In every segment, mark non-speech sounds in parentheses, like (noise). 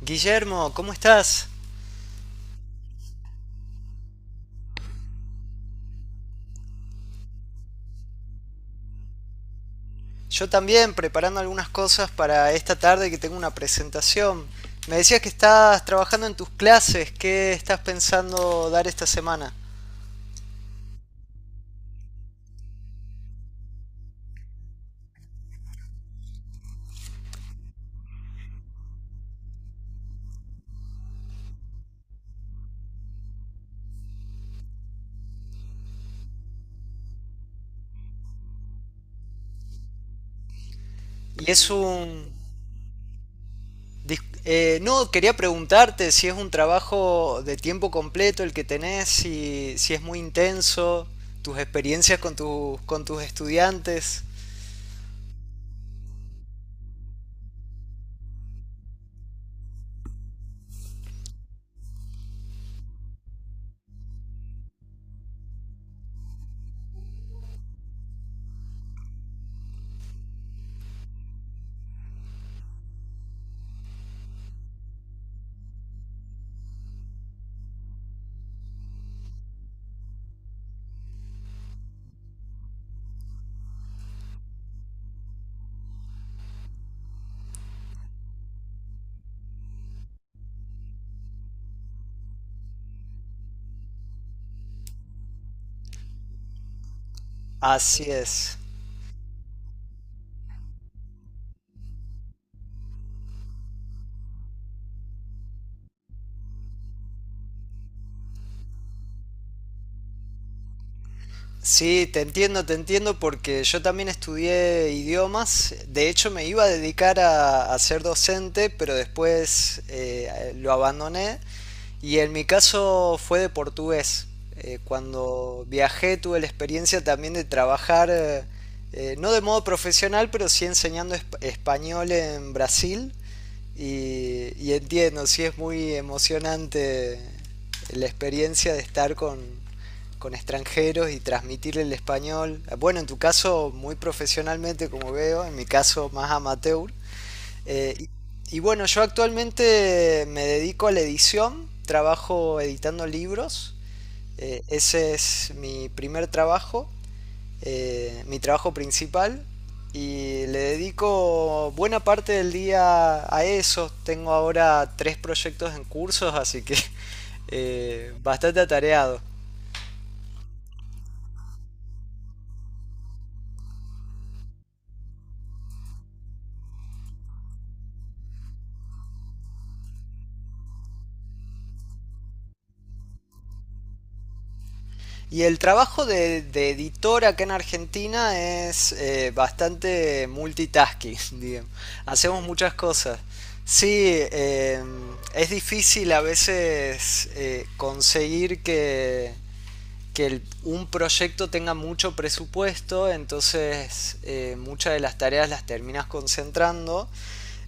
Guillermo, ¿cómo estás? Yo también preparando algunas cosas para esta tarde que tengo una presentación. Me decías que estás trabajando en tus clases, ¿qué estás pensando dar esta semana? Y es un... quería preguntarte si es un trabajo de tiempo completo el que tenés, si es muy intenso, tus experiencias con tus estudiantes. Así es. Sí, te entiendo porque yo también estudié idiomas. De hecho, me iba a dedicar a ser docente, pero después lo abandoné. Y en mi caso fue de portugués. Cuando viajé tuve la experiencia también de trabajar, no de modo profesional, pero sí enseñando español en Brasil. Y entiendo, sí es muy emocionante la experiencia de estar con extranjeros y transmitir el español, bueno, en tu caso muy profesionalmente como veo, en mi caso más amateur. Eh, y, y bueno, yo actualmente me dedico a la edición, trabajo editando libros, ese es mi primer trabajo, mi trabajo principal, y le dedico buena parte del día a eso. Tengo ahora tres proyectos en cursos, así que (laughs) bastante atareado. Y el trabajo de editor acá en Argentina es bastante multitasking, (laughs) digamos. Hacemos muchas cosas. Sí, es difícil a veces conseguir que, un proyecto tenga mucho presupuesto, entonces muchas de las tareas las terminas concentrando.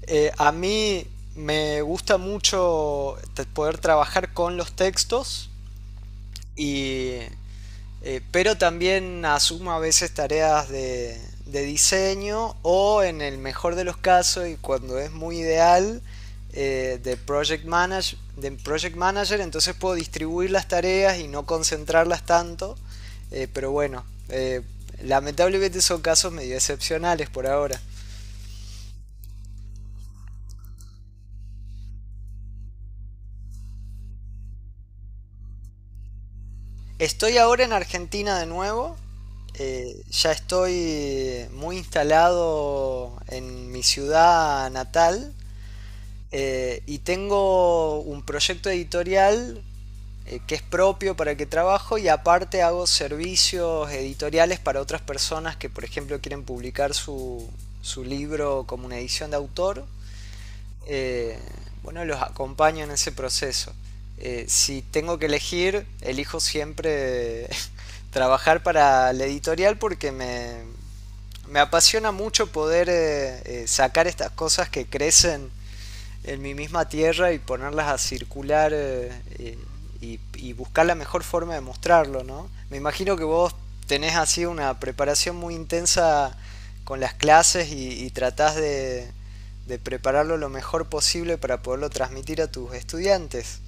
A mí me gusta mucho poder trabajar con los textos y pero también asuma a veces tareas de diseño o en el mejor de los casos y cuando es muy ideal de, de project manager, entonces puedo distribuir las tareas y no concentrarlas tanto, pero bueno, lamentablemente son casos medio excepcionales por ahora. Estoy ahora en Argentina de nuevo. Ya estoy muy instalado en mi ciudad natal. Y tengo un proyecto editorial, que es propio, para el que trabajo, y aparte hago servicios editoriales para otras personas que, por ejemplo, quieren publicar su, su libro como una edición de autor. Eh, bueno, los acompaño en ese proceso. Si tengo que elegir, elijo siempre (laughs) trabajar para la editorial porque me apasiona mucho poder sacar estas cosas que crecen en mi misma tierra y ponerlas a circular, eh, y buscar la mejor forma de mostrarlo, ¿no? Me imagino que vos tenés así una preparación muy intensa con las clases y tratás de prepararlo lo mejor posible para poderlo transmitir a tus estudiantes.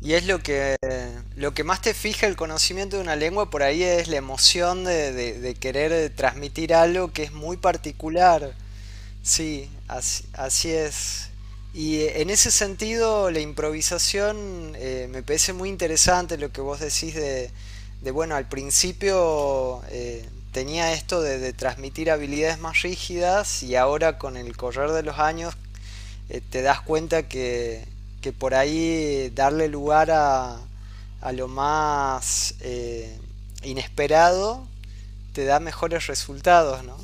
Y es lo que más te fija el conocimiento de una lengua, por ahí es la emoción de, de querer transmitir algo que es muy particular. Sí, así, así es. Y en ese sentido, la improvisación me parece muy interesante lo que vos decís de bueno, al principio tenía esto de transmitir habilidades más rígidas y ahora con el correr de los años te das cuenta que por ahí darle lugar a lo más inesperado te da mejores resultados, ¿no?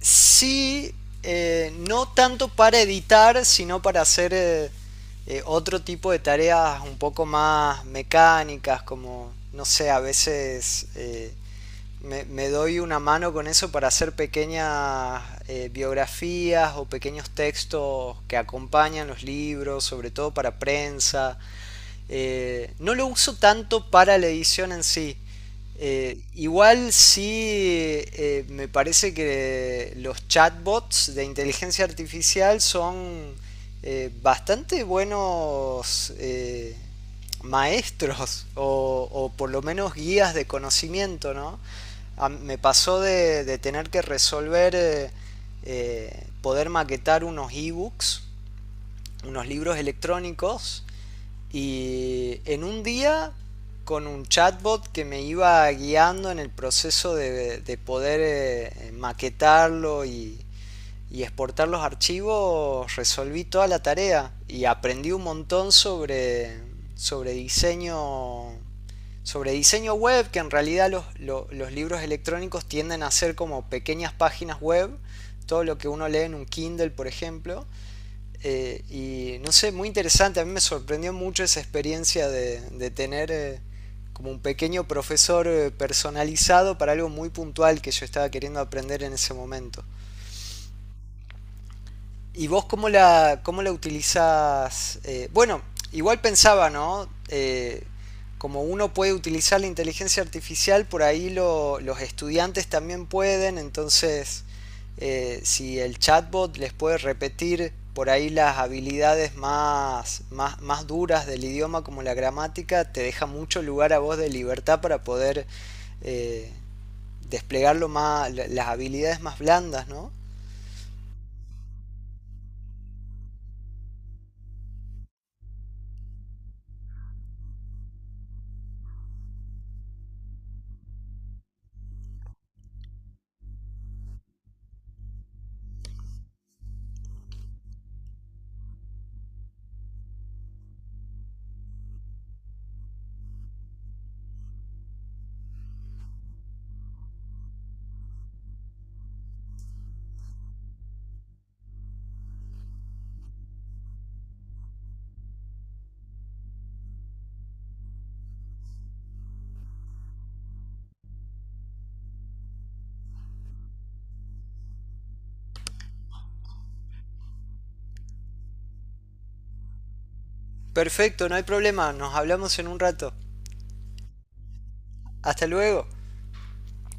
Sí, no tanto para editar, sino para hacer otro tipo de tareas un poco más mecánicas, como, no sé, a veces me, me doy una mano con eso para hacer pequeñas biografías o pequeños textos que acompañan los libros, sobre todo para prensa, no lo uso tanto para la edición en sí. Igual sí, me parece que los chatbots de inteligencia artificial son bastante buenos, maestros o por lo menos guías de conocimiento, ¿no? Me pasó de tener que resolver, poder maquetar unos ebooks, unos libros electrónicos, y en un día con un chatbot que me iba guiando en el proceso de poder maquetarlo y exportar los archivos, resolví toda la tarea y aprendí un montón sobre, sobre diseño, sobre diseño web, que en realidad los, los libros electrónicos tienden a ser como pequeñas páginas web, todo lo que uno lee en un Kindle, por ejemplo. Y no sé, muy interesante. A mí me sorprendió mucho esa experiencia de tener como un pequeño profesor personalizado para algo muy puntual que yo estaba queriendo aprender en ese momento. ¿Y vos cómo la utilizás? Bueno, igual pensaba, ¿no? Como uno puede utilizar la inteligencia artificial, por ahí los estudiantes también pueden, entonces si el chatbot les puede repetir por ahí las habilidades más, más, más duras del idioma como la gramática, te deja mucho lugar a vos de libertad para poder eh, desplegar lo más, las habilidades más blandas, ¿no? Perfecto, no hay problema, nos hablamos en un rato. Hasta luego.